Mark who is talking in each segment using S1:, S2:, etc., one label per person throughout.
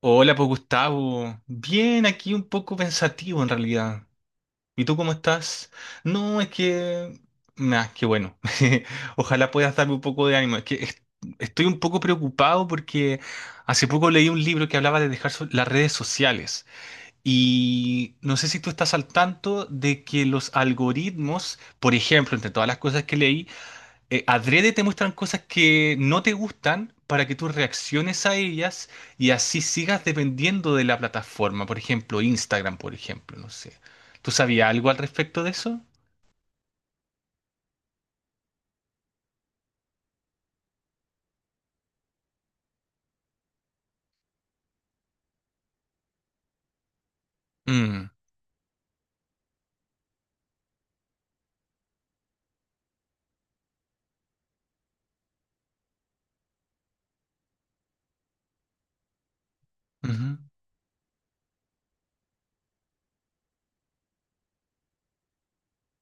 S1: Hola, pues Gustavo. Bien, aquí un poco pensativo en realidad. ¿Y tú cómo estás? No, es que... Nah, qué bueno. Ojalá puedas darme un poco de ánimo. Es que estoy un poco preocupado porque hace poco leí un libro que hablaba de dejar las redes sociales. Y no sé si tú estás al tanto de que los algoritmos, por ejemplo, entre todas las cosas que leí, adrede te muestran cosas que no te gustan para que tú reacciones a ellas y así sigas dependiendo de la plataforma. Por ejemplo, Instagram, por ejemplo, no sé. ¿Tú sabías algo al respecto de eso? Mm, ujú.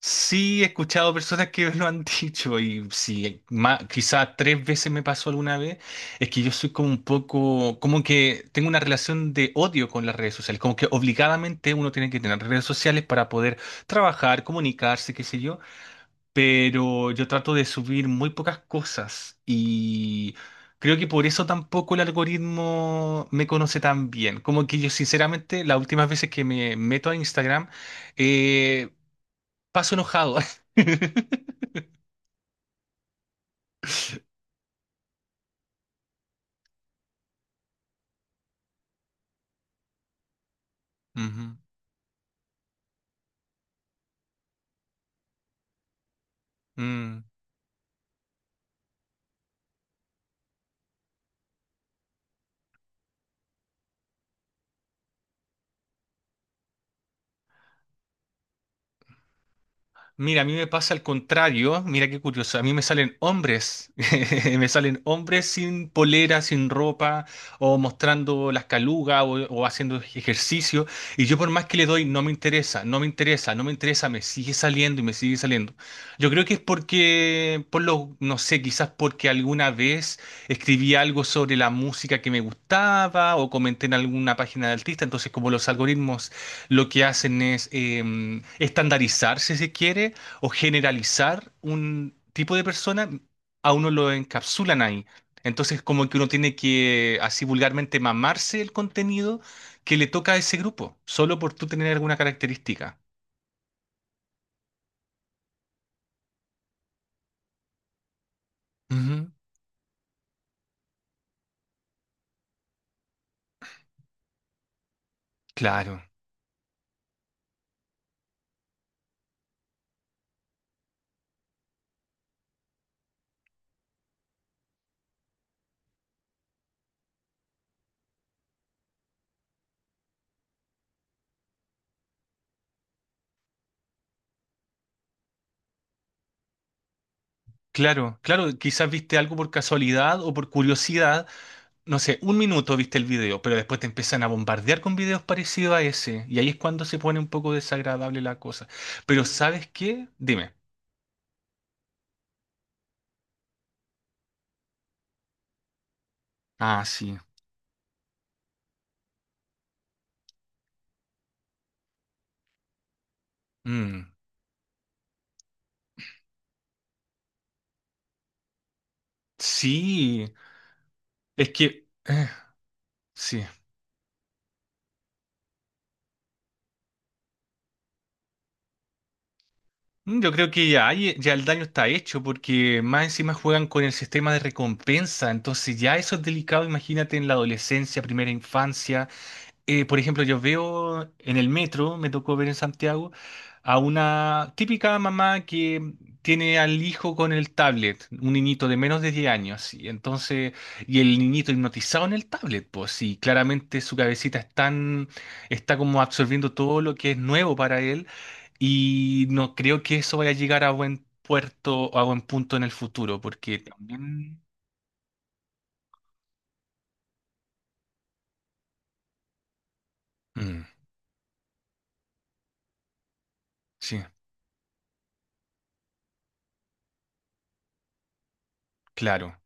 S1: Sí, he escuchado personas que lo han dicho y sí, quizá tres veces me pasó alguna vez, es que yo soy como un poco, como que tengo una relación de odio con las redes sociales, como que obligadamente uno tiene que tener redes sociales para poder trabajar, comunicarse, qué sé yo. Pero yo trato de subir muy pocas cosas y creo que por eso tampoco el algoritmo me conoce tan bien. Como que yo sinceramente las últimas veces que me meto a Instagram eh, paso enojado. Ujú. Mm. Mira, a mí me pasa al contrario, mira qué curioso, a mí me salen hombres, me salen hombres sin polera, sin ropa, o mostrando las calugas, o haciendo ejercicio, y yo por más que le doy, no me interesa, no me interesa, no me interesa, me sigue saliendo y me sigue saliendo. Yo creo que es porque, por lo, no sé, quizás porque alguna vez escribí algo sobre la música que me gustaba, o comenté en alguna página de artista, entonces como los algoritmos lo que hacen es estandarizar, si se quiere, o generalizar un tipo de persona, a uno lo encapsulan ahí. Entonces, como que uno tiene que, así vulgarmente, mamarse el contenido que le toca a ese grupo, solo por tú tener alguna característica. Ujú, claro, claro, claro. Quizás viste algo por casualidad o por curiosidad, no sé, un minuto viste el video, pero después te empiezan a bombardear con videos parecidos a ese, y ahí es cuando se pone un poco desagradable la cosa. Pero ¿sabes qué? Dime. Ah, sí. Mm, sí, es que... sí. Yo creo que ya, ya el daño está hecho porque más encima juegan con el sistema de recompensa, entonces ya eso es delicado, imagínate en la adolescencia, primera infancia. Por ejemplo, yo veo en el metro, me tocó ver en Santiago, a una típica mamá que tiene al hijo con el tablet, un niñito de menos de 10 años, y entonces, y el niñito hipnotizado en el tablet, pues sí, claramente su cabecita está como absorbiendo todo lo que es nuevo para él, y no creo que eso vaya a llegar a buen puerto o a buen punto en el futuro, porque también... Mm, sí, claro.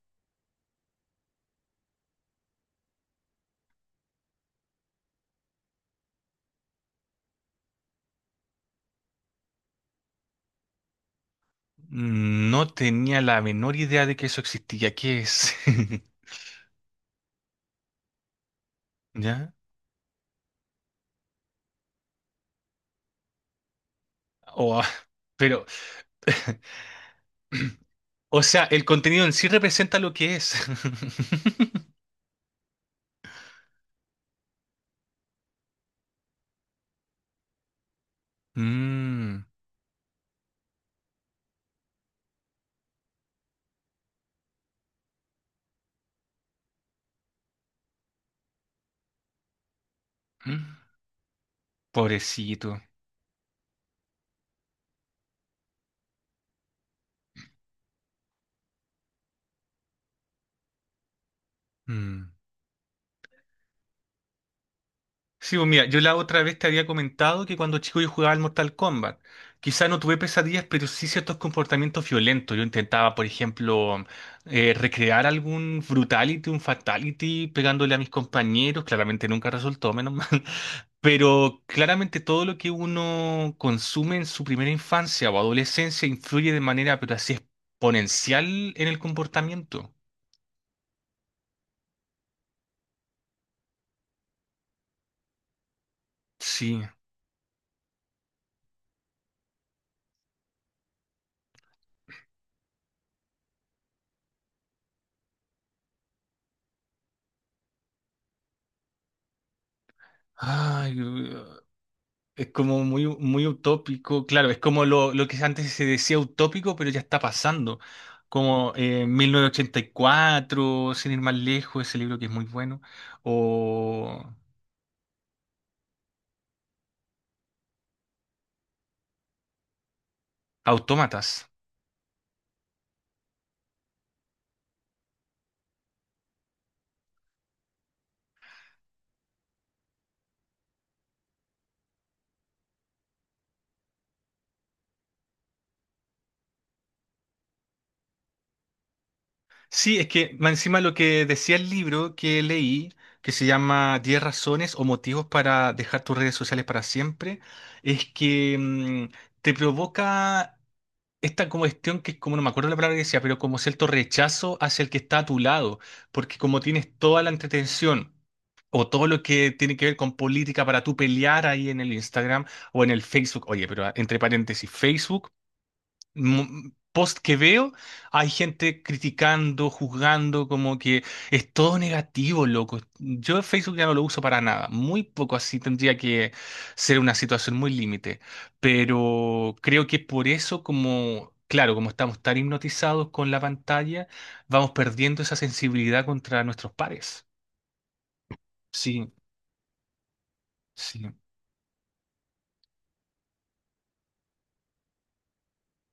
S1: No tenía la menor idea de que eso existía. ¿Qué es? ¿Ya? Oh, pero, o sea, el contenido en sí representa lo que es. Mm, mm, pobrecito. Mm. Sí, pues mira, yo la otra vez te había comentado que cuando chico yo jugaba al Mortal Kombat. Quizá no tuve pesadillas, pero sí ciertos comportamientos violentos. Yo intentaba, por ejemplo, recrear algún brutality, un fatality, pegándole a mis compañeros. Claramente nunca resultó, menos mal. Pero claramente todo lo que uno consume en su primera infancia o adolescencia influye de manera, pero así exponencial en el comportamiento. Sí. Ay, es como muy, muy utópico, claro, es como lo que antes se decía utópico, pero ya está pasando. Como 1984, sin ir más lejos, ese libro que es muy bueno, o Autómatas. Sí, es que más encima lo que decía el libro que leí, que se llama 10 razones o motivos para dejar tus redes sociales para siempre, es que mm, te provoca esta como cuestión que es como, no me acuerdo la palabra que decía, pero como cierto rechazo hacia el que está a tu lado, porque como tienes toda la entretención o todo lo que tiene que ver con política para tú pelear ahí en el Instagram o en el Facebook. Oye, pero ah, entre paréntesis, Facebook, post que veo, hay gente criticando, juzgando, como que es todo negativo, loco. Yo Facebook ya no lo uso para nada, muy poco, así tendría que ser una situación muy límite, pero creo que por eso como... Claro, como estamos tan hipnotizados con la pantalla, vamos perdiendo esa sensibilidad contra nuestros pares. Sí, sí.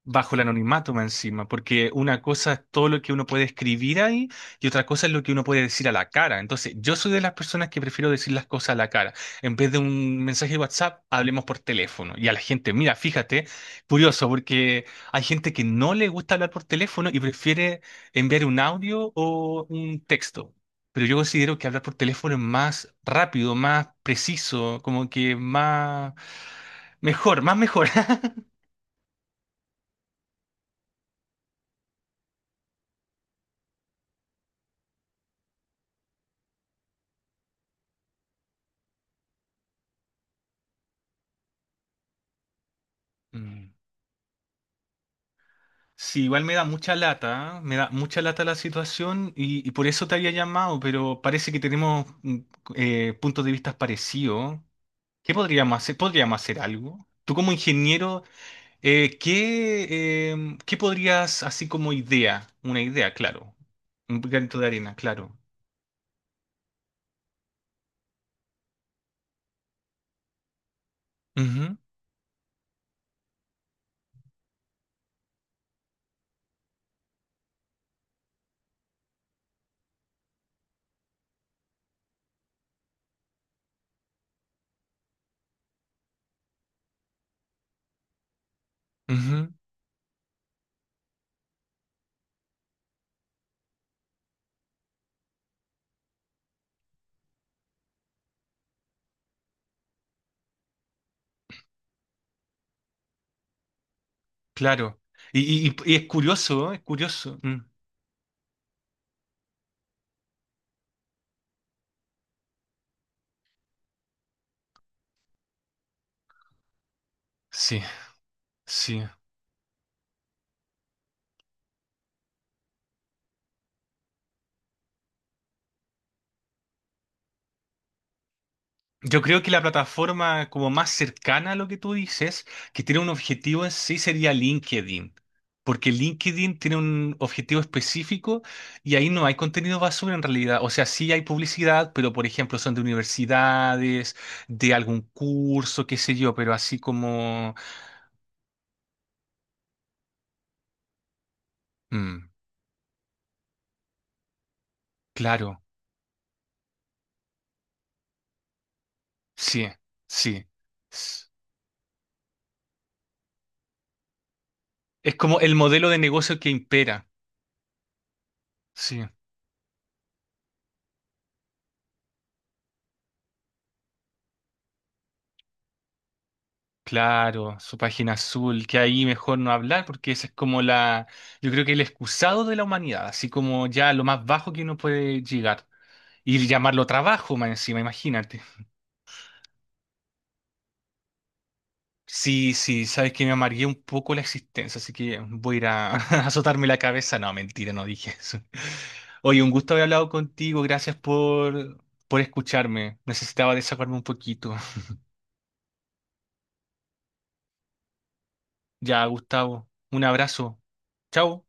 S1: Bajo el anonimato más encima, porque una cosa es todo lo que uno puede escribir ahí y otra cosa es lo que uno puede decir a la cara. Entonces, yo soy de las personas que prefiero decir las cosas a la cara. En vez de un mensaje de WhatsApp, hablemos por teléfono. Y a la gente, mira, fíjate, curioso, porque hay gente que no le gusta hablar por teléfono y prefiere enviar un audio o un texto. Pero yo considero que hablar por teléfono es más rápido, más preciso, como que más mejor, más mejor. Sí, igual me da mucha lata, ¿eh? Me da mucha lata la situación y por eso te había llamado, pero parece que tenemos puntos de vista parecidos. ¿Qué podríamos hacer? ¿Podríamos hacer algo? Tú como ingeniero, ¿qué podrías, así como idea, una idea, claro, un granito de arena, claro. Ujú, ujú, claro. Y es curioso, ¿eh? Es curioso. Mm, sí, sí. Yo creo que la plataforma como más cercana a lo que tú dices, que tiene un objetivo en sí, sería LinkedIn. Porque LinkedIn tiene un objetivo específico y ahí no hay contenido basura en realidad. O sea, sí hay publicidad, pero por ejemplo son de universidades, de algún curso, qué sé yo, pero así como... mm, claro, sí, sí. S- Es como el modelo de negocio que impera. Sí. Claro, su página azul, que ahí mejor no hablar porque esa es como la, yo creo que el excusado de la humanidad, así como ya lo más bajo que uno puede llegar. Y llamarlo trabajo más encima, imagínate. Sí, sí, sabes que me amargué un poco la existencia, así que voy a ir a azotarme la cabeza. No, mentira, no dije eso. Oye, un gusto haber hablado contigo, gracias por escucharme. Necesitaba desahogarme un poquito. Ya, Gustavo, un abrazo. Chao.